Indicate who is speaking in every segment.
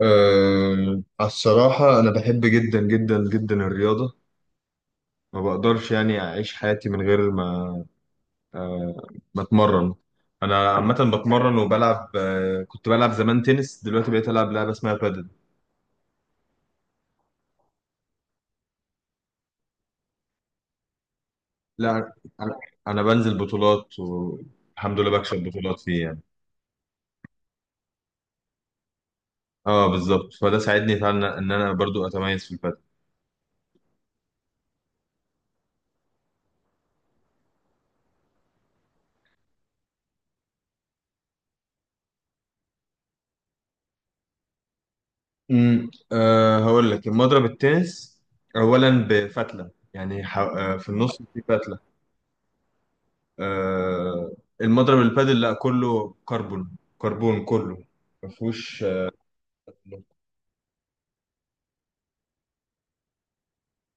Speaker 1: أه، على الصراحة، أنا بحب جدا جدا جدا الرياضة. ما بقدرش، يعني، أعيش حياتي من غير ما أتمرن. أنا عامة بتمرن وبلعب. كنت بلعب زمان تنس. دلوقتي بقيت ألعب لعبة اسمها بادل. لا، أنا أنا بنزل بطولات والحمد لله بكسب بطولات فيه، يعني. اه، بالظبط. فده ساعدني فعلا إن أنا برضو أتميز في البادل. أه هقول لك، المضرب التنس أولا بفتلة، يعني، في النص في فتلة. آه، المضرب البادل لا، كله كربون. كربون كله، ما فيهوش.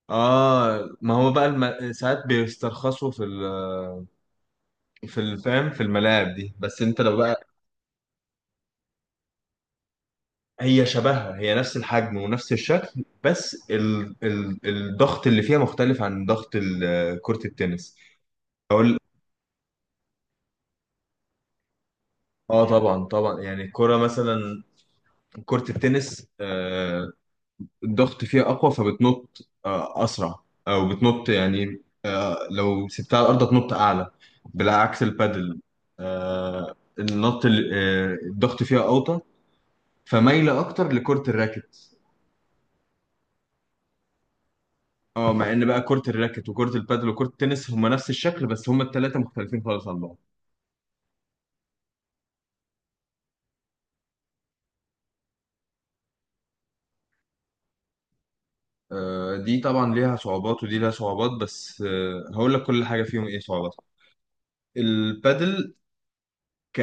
Speaker 1: اه ما هو بقى ساعات بيسترخصوا في ال... في الفام في الملاعب دي، بس انت لو بقى. هي شبهها، هي نفس الحجم ونفس الشكل، بس الضغط اللي فيها مختلف عن ضغط كرة التنس. اقول، اه طبعا، طبعا. يعني الكرة مثلا، كرة التنس، الضغط فيها أقوى، فبتنط أسرع. أو بتنط، يعني، لو سبتها على الأرض تنط أعلى. بالعكس البادل، النط الضغط فيها أوطى، فمايلة أكتر لكرة الراكت. اه، مع ان بقى كرة الراكت وكرة البادل وكرة التنس هما نفس الشكل، بس هما التلاتة مختلفين خالص عن بعض. دي طبعا ليها صعوبات ودي ليها صعوبات، بس هقول لك كل حاجة فيهم ايه صعوبات. البادل، ك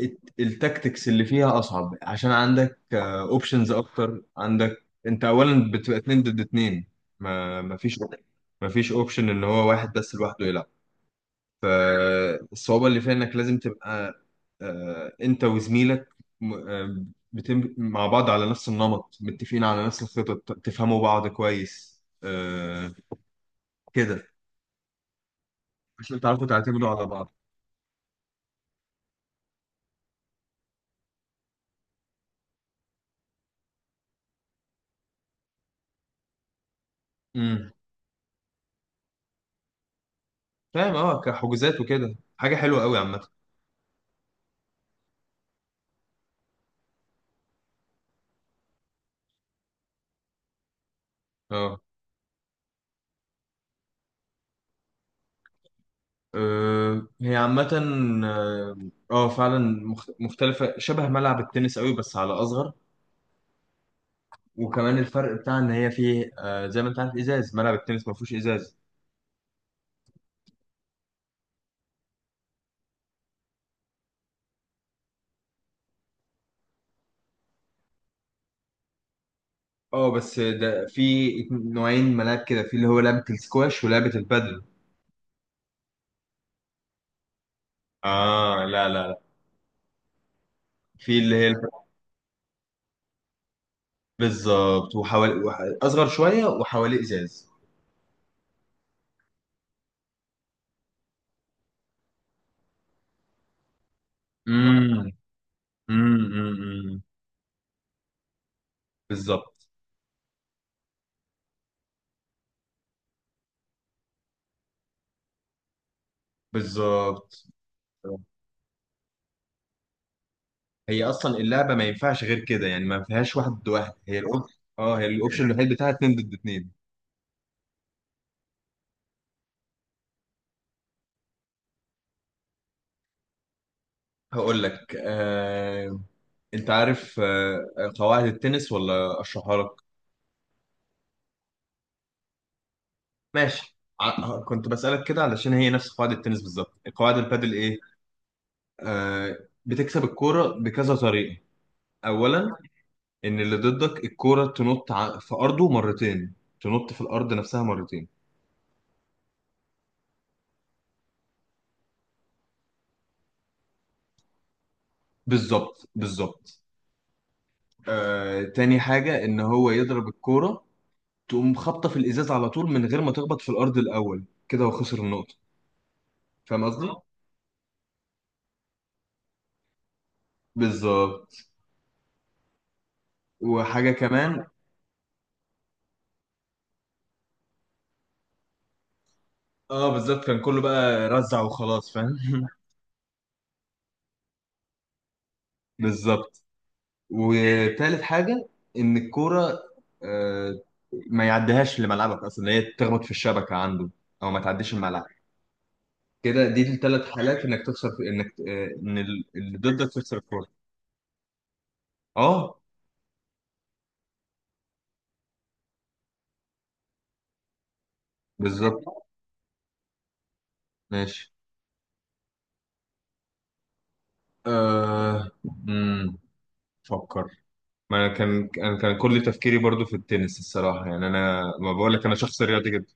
Speaker 1: التكتكس اللي فيها اصعب، عشان عندك اوبشنز اكتر. عندك انت اولا بتبقى اتنين ضد اتنين. ما ما فيش ما فيش اوبشن ان هو واحد بس لوحده يلعب. فالصعوبة اللي فيها انك لازم تبقى انت وزميلك، م- آه، بتم مع بعض على نفس النمط، متفقين على نفس الخطط، تفهموا بعض كويس، كده، عشان تعرفوا تعتمدوا على بعض. امم فاهم. اه كحجوزات وكده حاجة حلوة قوي عامة. اه هي عامة. اه فعلا مختلفة شبه ملعب التنس قوي، بس على أصغر. وكمان الفرق بتاع إن هي فيه، زي ما أنت عارف، إزاز. ملعب التنس ما فيهوش إزاز. اه، بس ده في نوعين ملاعب كده، في اللي هو لعبة السكواش ولعبة البادل. اه، لا، لا، لا. في اللي هي بالظبط. أصغر شوية وحواليه إزاز. امم، امم، أمم، أمم. بالظبط، بالظبط. هي اصلا اللعبه ما ينفعش غير كده، يعني، ما فيهاش واحد ضد واحد، هي الاوبشن. اه، هي الاوبشن الوحيد بتاعها اتنين ضد اتنين. هقول لك، انت عارف قواعد التنس، ولا اشرحها لك؟ ماشي. كنت بسألك كده علشان هي نفس قواعد التنس بالظبط. قواعد البادل ايه؟ آه... بتكسب الكوره بكذا طريقه. اولا، ان اللي ضدك الكوره تنط في ارضه مرتين. تنط في الارض نفسها مرتين. بالظبط، بالظبط. تاني حاجه، ان هو يضرب الكوره تقوم خابطه في الازاز على طول، من غير ما تخبط في الارض الاول، كده وخسر النقطه. فاهم قصدي؟ بالظبط. وحاجه كمان. اه، بالظبط، كان كله بقى رزع وخلاص، فاهم. بالظبط. وتالت حاجه، ان الكوره آه، ما يعديهاش لملعبك اصلا، هي تخبط في الشبكه عنده، او ما تعديش الملعب. كده دي الثلاث حالات انك تخسر، في انك، اللي ضدك تخسر الكوره. اه، بالظبط. ماشي. أه... امم ما انا كان كل تفكيري برضو في التنس الصراحه، يعني، انا ما بقول لك انا شخص رياضي جدا.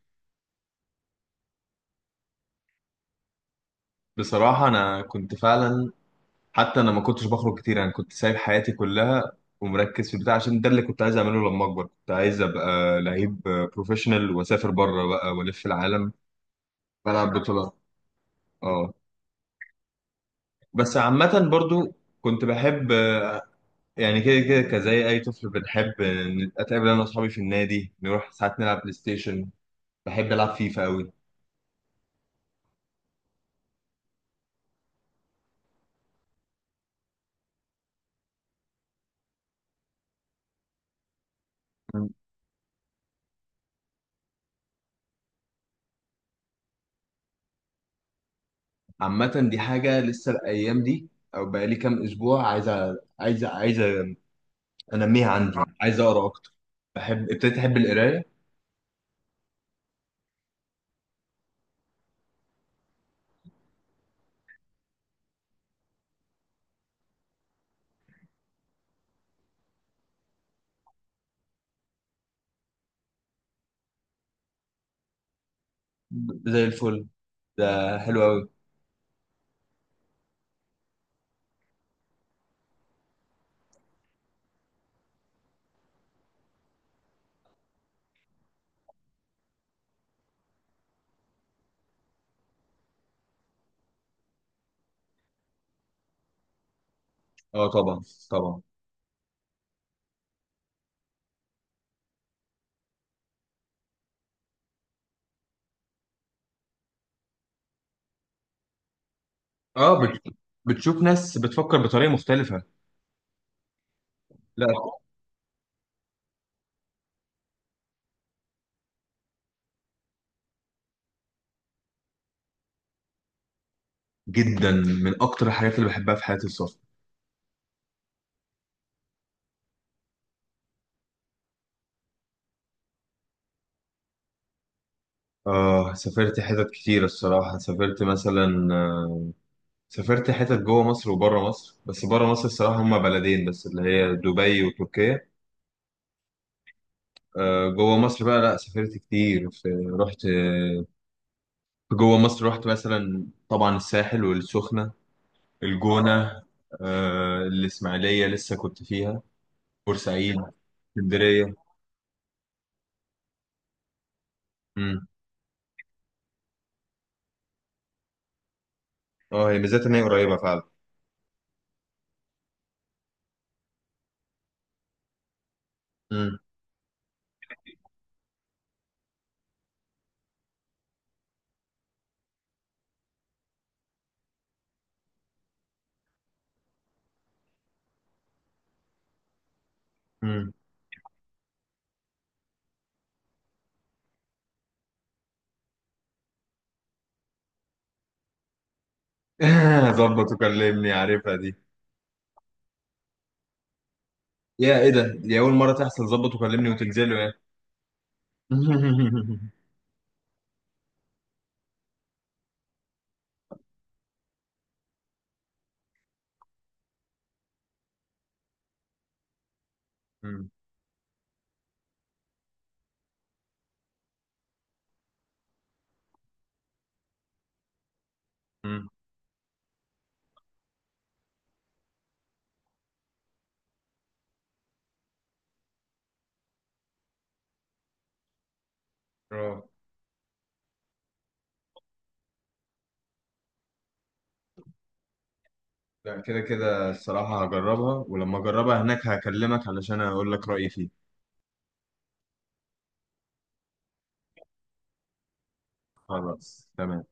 Speaker 1: بصراحه انا كنت فعلا. حتى انا ما كنتش بخرج كتير، انا كنت سايب حياتي كلها، ومركز في بتاع، عشان ده اللي كنت عايز اعمله. لما اكبر كنت عايز ابقى لعيب بروفيشنال واسافر بره بقى والف العالم. بلعب بطولات. اه، بس عامه برضو كنت بحب، يعني كده كده، كزي اي طفل بنحب، اتقابل انا واصحابي في النادي، نروح ساعات نلعب بلاي ستيشن. بحب العب فيفا قوي. عامة دي حاجة لسه الأيام دي، أو بقالي كام أسبوع عايزة أنميها عندي، عايز أقرأ أكتر. ابتديت أحب القراية. زي الفل. ده حلو أوي. أه، طبعا، طبعا. أه، بتشوف ناس بتفكر بطريقة مختلفة. لا، جدا. من أكتر الحاجات اللي بحبها في حياتي السفر. سافرت حتت كتير الصراحة. سافرت مثلا، سافرت حتت جوه مصر وبره مصر. بس بره مصر الصراحة هما بلدين بس، اللي هي دبي وتركيا. جوه مصر بقى، لا سافرت كتير في. رحت آه، في جوه مصر رحت مثلا، طبعا، الساحل والسخنة، الجونة، الإسماعيلية لسه كنت فيها، بورسعيد، اسكندرية. مم. اه، هي ميزتها ان هي قريبة فعلا. مم. مم. ظبط وكلمني، عارفها دي. يا ايه ده؟ دي أول مرة تحصل ظبط وكلمني وتنزلوا، يعني؟ مم. مم. اه، لا، كده كده الصراحة هجربها، ولما أجربها هناك هكلمك علشان أقول لك رأيي فيها. خلاص، تمام.